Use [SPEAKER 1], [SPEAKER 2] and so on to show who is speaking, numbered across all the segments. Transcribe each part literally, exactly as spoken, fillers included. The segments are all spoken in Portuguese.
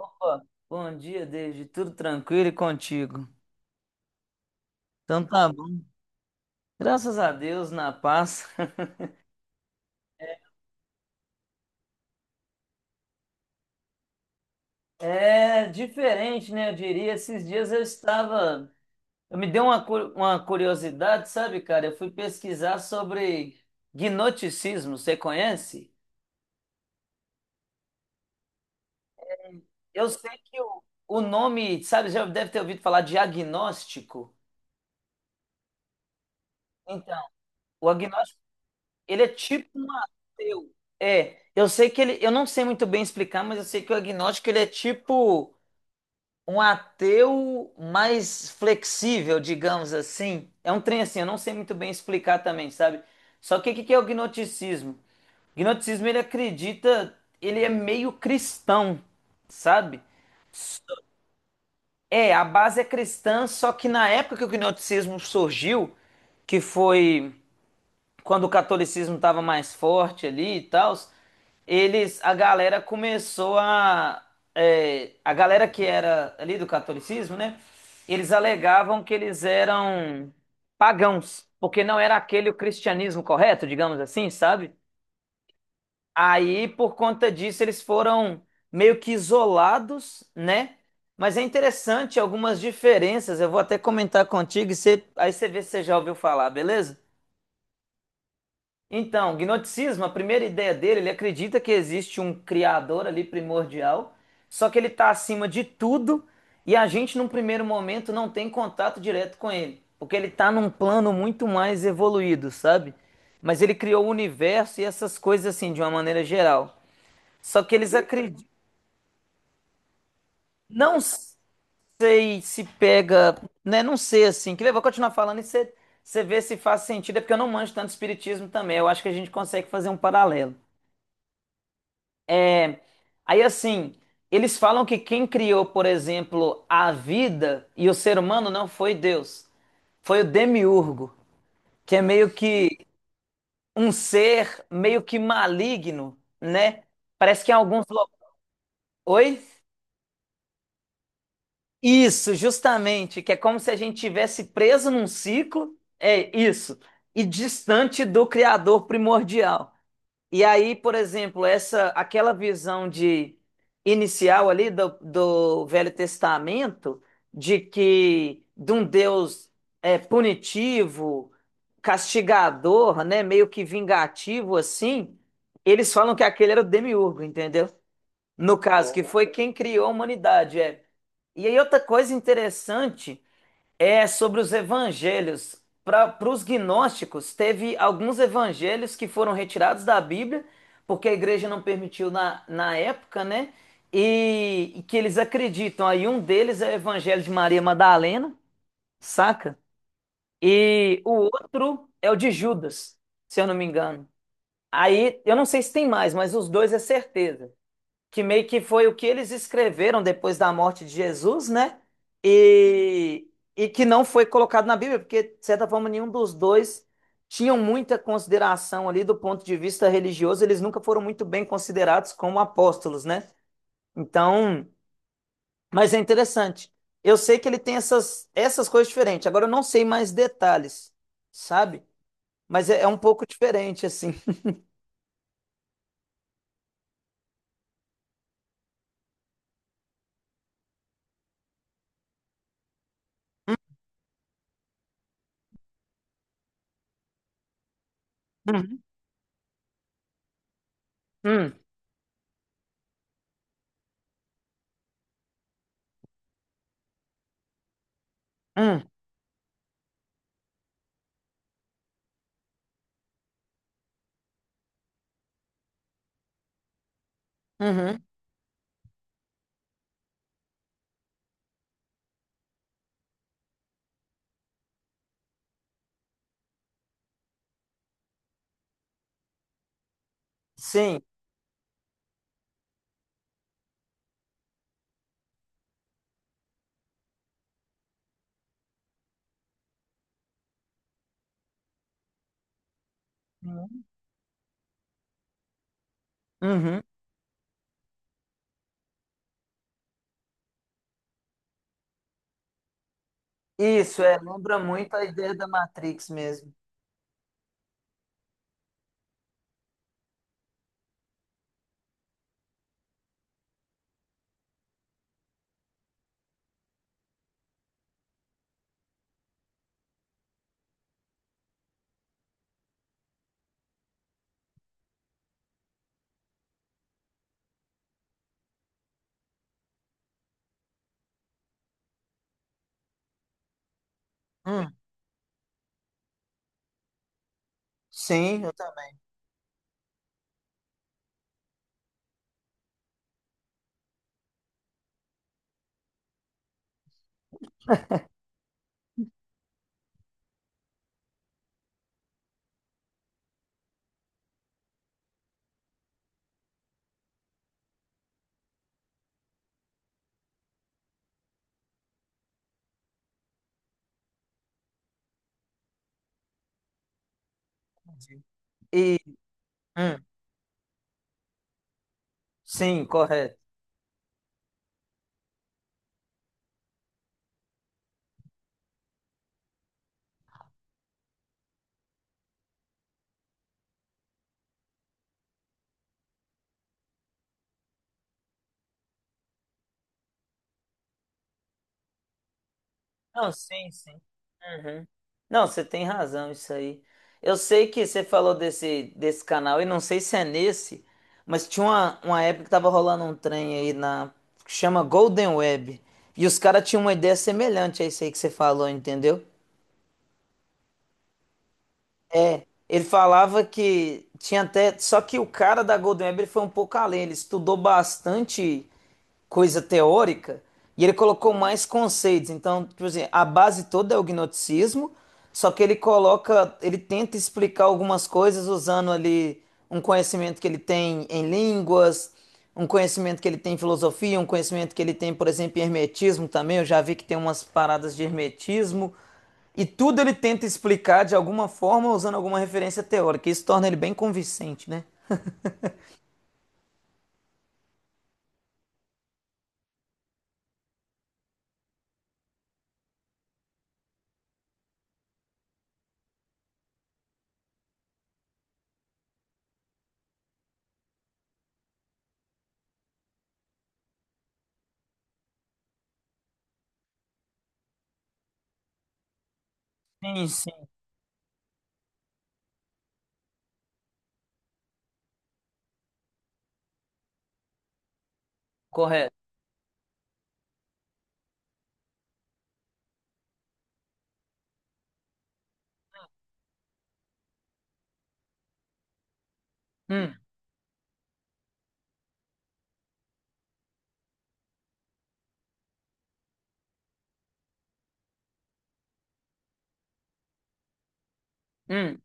[SPEAKER 1] Ó, bom dia, David. Tudo tranquilo e contigo? Então tá bom. Graças a Deus, na paz. É diferente, né? Eu diria. Esses dias eu estava. Eu me dei uma, cu- uma curiosidade, sabe, cara? Eu fui pesquisar sobre gnosticismo. Você conhece? Eu sei que o, o nome, sabe, já deve ter ouvido falar de agnóstico. Então, o agnóstico, ele é tipo um ateu. É, eu sei que ele, eu não sei muito bem explicar, mas eu sei que o agnóstico ele é tipo um ateu mais flexível, digamos assim. É um trem assim, eu não sei muito bem explicar também, sabe? Só que o que que é o gnosticismo? O gnosticismo ele acredita, ele é meio cristão, sabe? É, a base é cristã, só que na época que o gnosticismo surgiu, que foi quando o catolicismo estava mais forte ali e tal, eles, a galera começou a, é, a galera que era ali do catolicismo, né? Eles alegavam que eles eram pagãos, porque não era aquele o cristianismo correto, digamos assim, sabe? Aí, por conta disso, eles foram meio que isolados, né? Mas é interessante algumas diferenças. Eu vou até comentar contigo e você, aí você vê se você já ouviu falar, beleza? Então, gnosticismo, a primeira ideia dele, ele acredita que existe um criador ali primordial, só que ele está acima de tudo e a gente, num primeiro momento, não tem contato direto com ele, porque ele está num plano muito mais evoluído, sabe? Mas ele criou o universo e essas coisas assim, de uma maneira geral. Só que eles acreditam. Não sei se pega, né? Não sei assim. Que eu vou continuar falando e você você vê se faz sentido, é porque eu não manjo tanto espiritismo também. Eu acho que a gente consegue fazer um paralelo. Aí assim, eles falam que quem criou, por exemplo, a vida e o ser humano não foi Deus, foi o demiurgo, que é meio que um ser meio que maligno, né? Parece que em alguns lo- Oi? Isso, justamente, que é como se a gente tivesse preso num ciclo, é isso, e distante do criador primordial. E aí, por exemplo, essa aquela visão de inicial ali do, do Velho Testamento de que de um Deus é, punitivo, castigador, né, meio que vingativo assim, eles falam que aquele era o demiurgo, entendeu? No caso, que foi quem criou a humanidade, é. E aí outra coisa interessante é sobre os evangelhos. Para os gnósticos, teve alguns evangelhos que foram retirados da Bíblia, porque a igreja não permitiu na, na época, né? E, e que eles acreditam. Aí um deles é o evangelho de Maria Madalena, saca? E o outro é o de Judas, se eu não me engano. Aí, eu não sei se tem mais, mas os dois é certeza que meio que foi o que eles escreveram depois da morte de Jesus, né? E, e que não foi colocado na Bíblia, porque, de certa forma, nenhum dos dois tinham muita consideração ali do ponto de vista religioso, eles nunca foram muito bem considerados como apóstolos, né? Então, mas é interessante. Eu sei que ele tem essas, essas coisas diferentes. Agora eu não sei mais detalhes, sabe? Mas é, é um pouco diferente, assim. Uhum. Hum, hum, uhum. Sim. Uhum. Uhum. Isso, é, lembra muito a ideia da Matrix mesmo. Hum, sim, eu também. Digo. E, hum, sim, correto. Não, sim, sim. Uhum. Não, você tem razão, isso aí. Eu sei que você falou desse, desse canal, e não sei se é nesse, mas tinha uma, uma época que tava rolando um trem aí na, que chama Golden Web. E os caras tinham uma ideia semelhante a isso aí que você falou, entendeu? Ele falava que tinha até. Só que o cara da Golden Web ele foi um pouco além. Ele estudou bastante coisa teórica e ele colocou mais conceitos. Então, tipo assim, a base toda é o gnosticismo, só que ele coloca. Ele tenta explicar algumas coisas usando ali um conhecimento que ele tem em línguas, um conhecimento que ele tem em filosofia, um conhecimento que ele tem, por exemplo, em hermetismo também. Eu já vi que tem umas paradas de hermetismo. E tudo ele tenta explicar de alguma forma usando alguma referência teórica. Isso torna ele bem convincente, né? Sim, sim, correto. Hum, hum,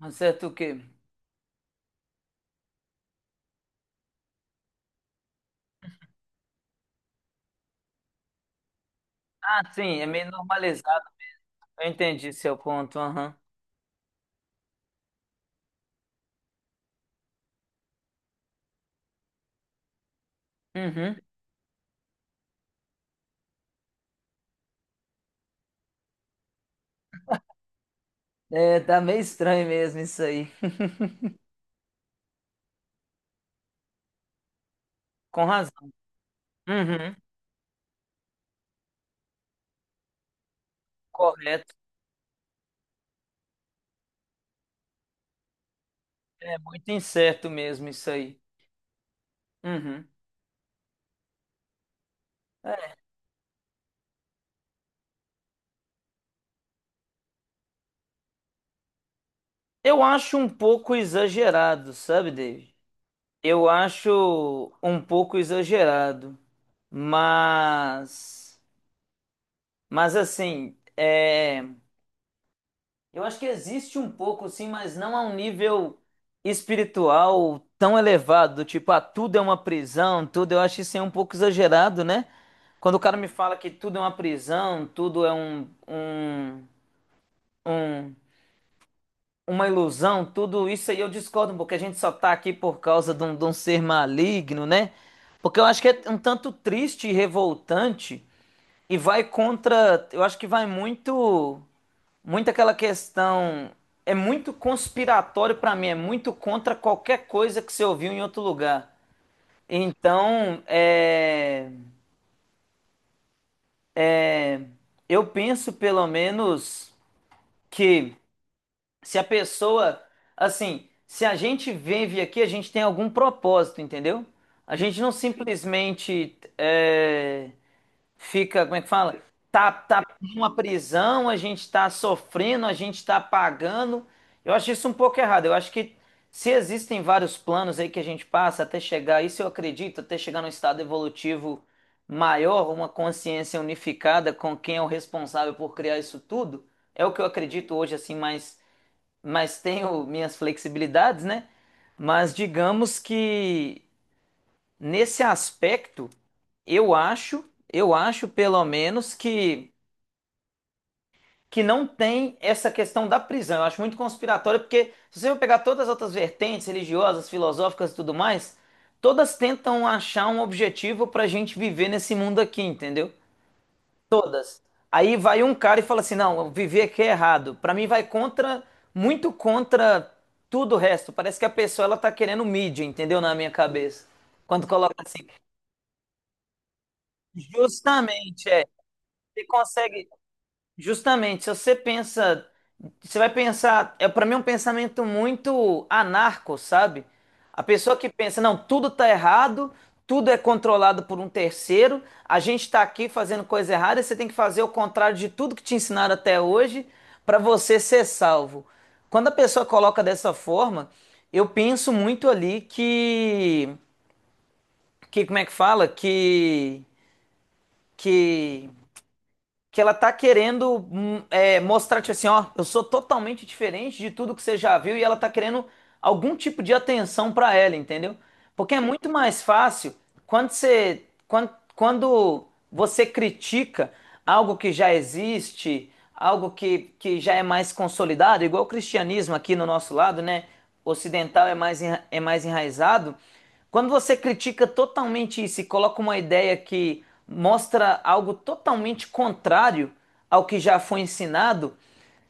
[SPEAKER 1] acerto o quê? Ah, sim, é meio normalizado. Eu entendi seu ponto, aham. Uhum. É, tá meio estranho mesmo isso aí. Com razão. Uhum, correto. É muito incerto mesmo isso aí. Uhum. É, eu acho um pouco exagerado, sabe, David? Eu acho um pouco exagerado, mas Mas assim, é, eu acho que existe um pouco, sim, mas não a um nível espiritual tão elevado, do tipo, ah, tudo é uma prisão, tudo, eu acho isso aí um pouco exagerado, né? Quando o cara me fala que tudo é uma prisão, tudo é um, um, um- uma ilusão, tudo isso aí eu discordo, porque a gente só tá aqui por causa de um, de um ser maligno, né? Porque eu acho que é um tanto triste e revoltante e vai contra, eu acho que vai muito muito aquela questão. É muito conspiratório pra mim, é muito contra qualquer coisa que você ouviu em outro lugar. Então, é, eu penso pelo menos que se a pessoa, assim, se a gente vive aqui, a gente tem algum propósito, entendeu? A gente não simplesmente é, fica, como é que fala? Tá, tá numa prisão, a gente tá sofrendo, a gente tá pagando. Eu acho isso um pouco errado. Eu acho que se existem vários planos aí que a gente passa até chegar, isso eu acredito, até chegar num estado evolutivo maior, uma consciência unificada com quem é o responsável por criar isso tudo, é o que eu acredito hoje, assim, mas, mas tenho minhas flexibilidades, né? Mas digamos que nesse aspecto, eu acho, eu acho pelo menos que que não tem essa questão da prisão. Eu acho muito conspiratório porque se você for pegar todas as outras vertentes religiosas, filosóficas e tudo mais, todas tentam achar um objetivo para a gente viver nesse mundo aqui, entendeu? Aí vai um cara e fala assim: não, viver aqui é errado. Pra mim vai contra, muito contra tudo o resto. Parece que a pessoa ela tá querendo mídia, entendeu? Na minha cabeça. Quando coloca assim, justamente, é, você consegue, justamente, se você pensa, você vai pensar, é para mim é um pensamento muito anarco, sabe? A pessoa que pensa, não, tudo tá errado, tudo é controlado por um terceiro, a gente tá aqui fazendo coisa errada, e você tem que fazer o contrário de tudo que te ensinaram até hoje para você ser salvo. Quando a pessoa coloca dessa forma, eu penso muito ali que, que como é que fala? Que, que que ela tá querendo hum, é, mostrar, tipo assim, ó, eu sou totalmente diferente de tudo que você já viu e ela tá querendo algum tipo de atenção pra ela, entendeu? Porque é muito mais fácil quando você, quando, quando você critica algo que já existe, algo que, que já é mais consolidado, igual o cristianismo aqui no nosso lado, né? Ocidental é mais, enra- é mais enraizado, quando você critica totalmente isso e coloca uma ideia que mostra algo totalmente contrário ao que já foi ensinado,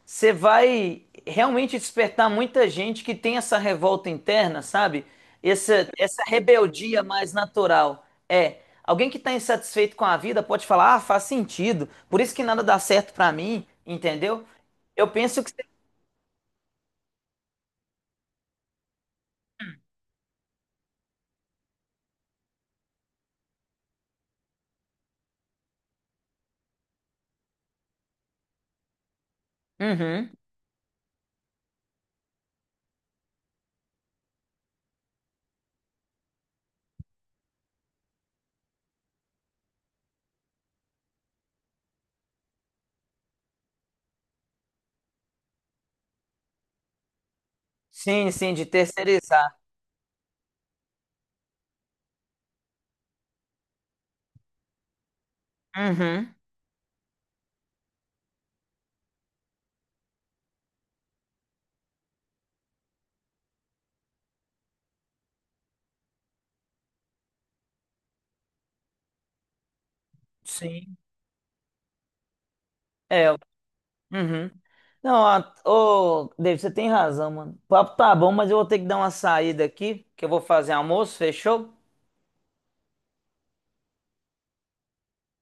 [SPEAKER 1] você vai realmente despertar muita gente que tem essa revolta interna, sabe? Essa, essa rebeldia mais natural. É, alguém que está insatisfeito com a vida pode falar, ah, faz sentido, por isso que nada dá certo para mim, entendeu? Eu penso que... Uhum. Sim, sim, de terceirizar. Uhum, sim. É. Uhum. Não, a- ô, David, você tem razão, mano. O papo tá bom, mas eu vou ter que dar uma saída aqui, que eu vou fazer almoço, fechou?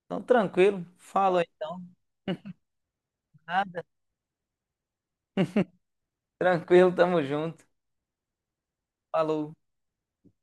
[SPEAKER 1] Então, tranquilo. Falou então. Nada. Tranquilo, tamo junto. Falou.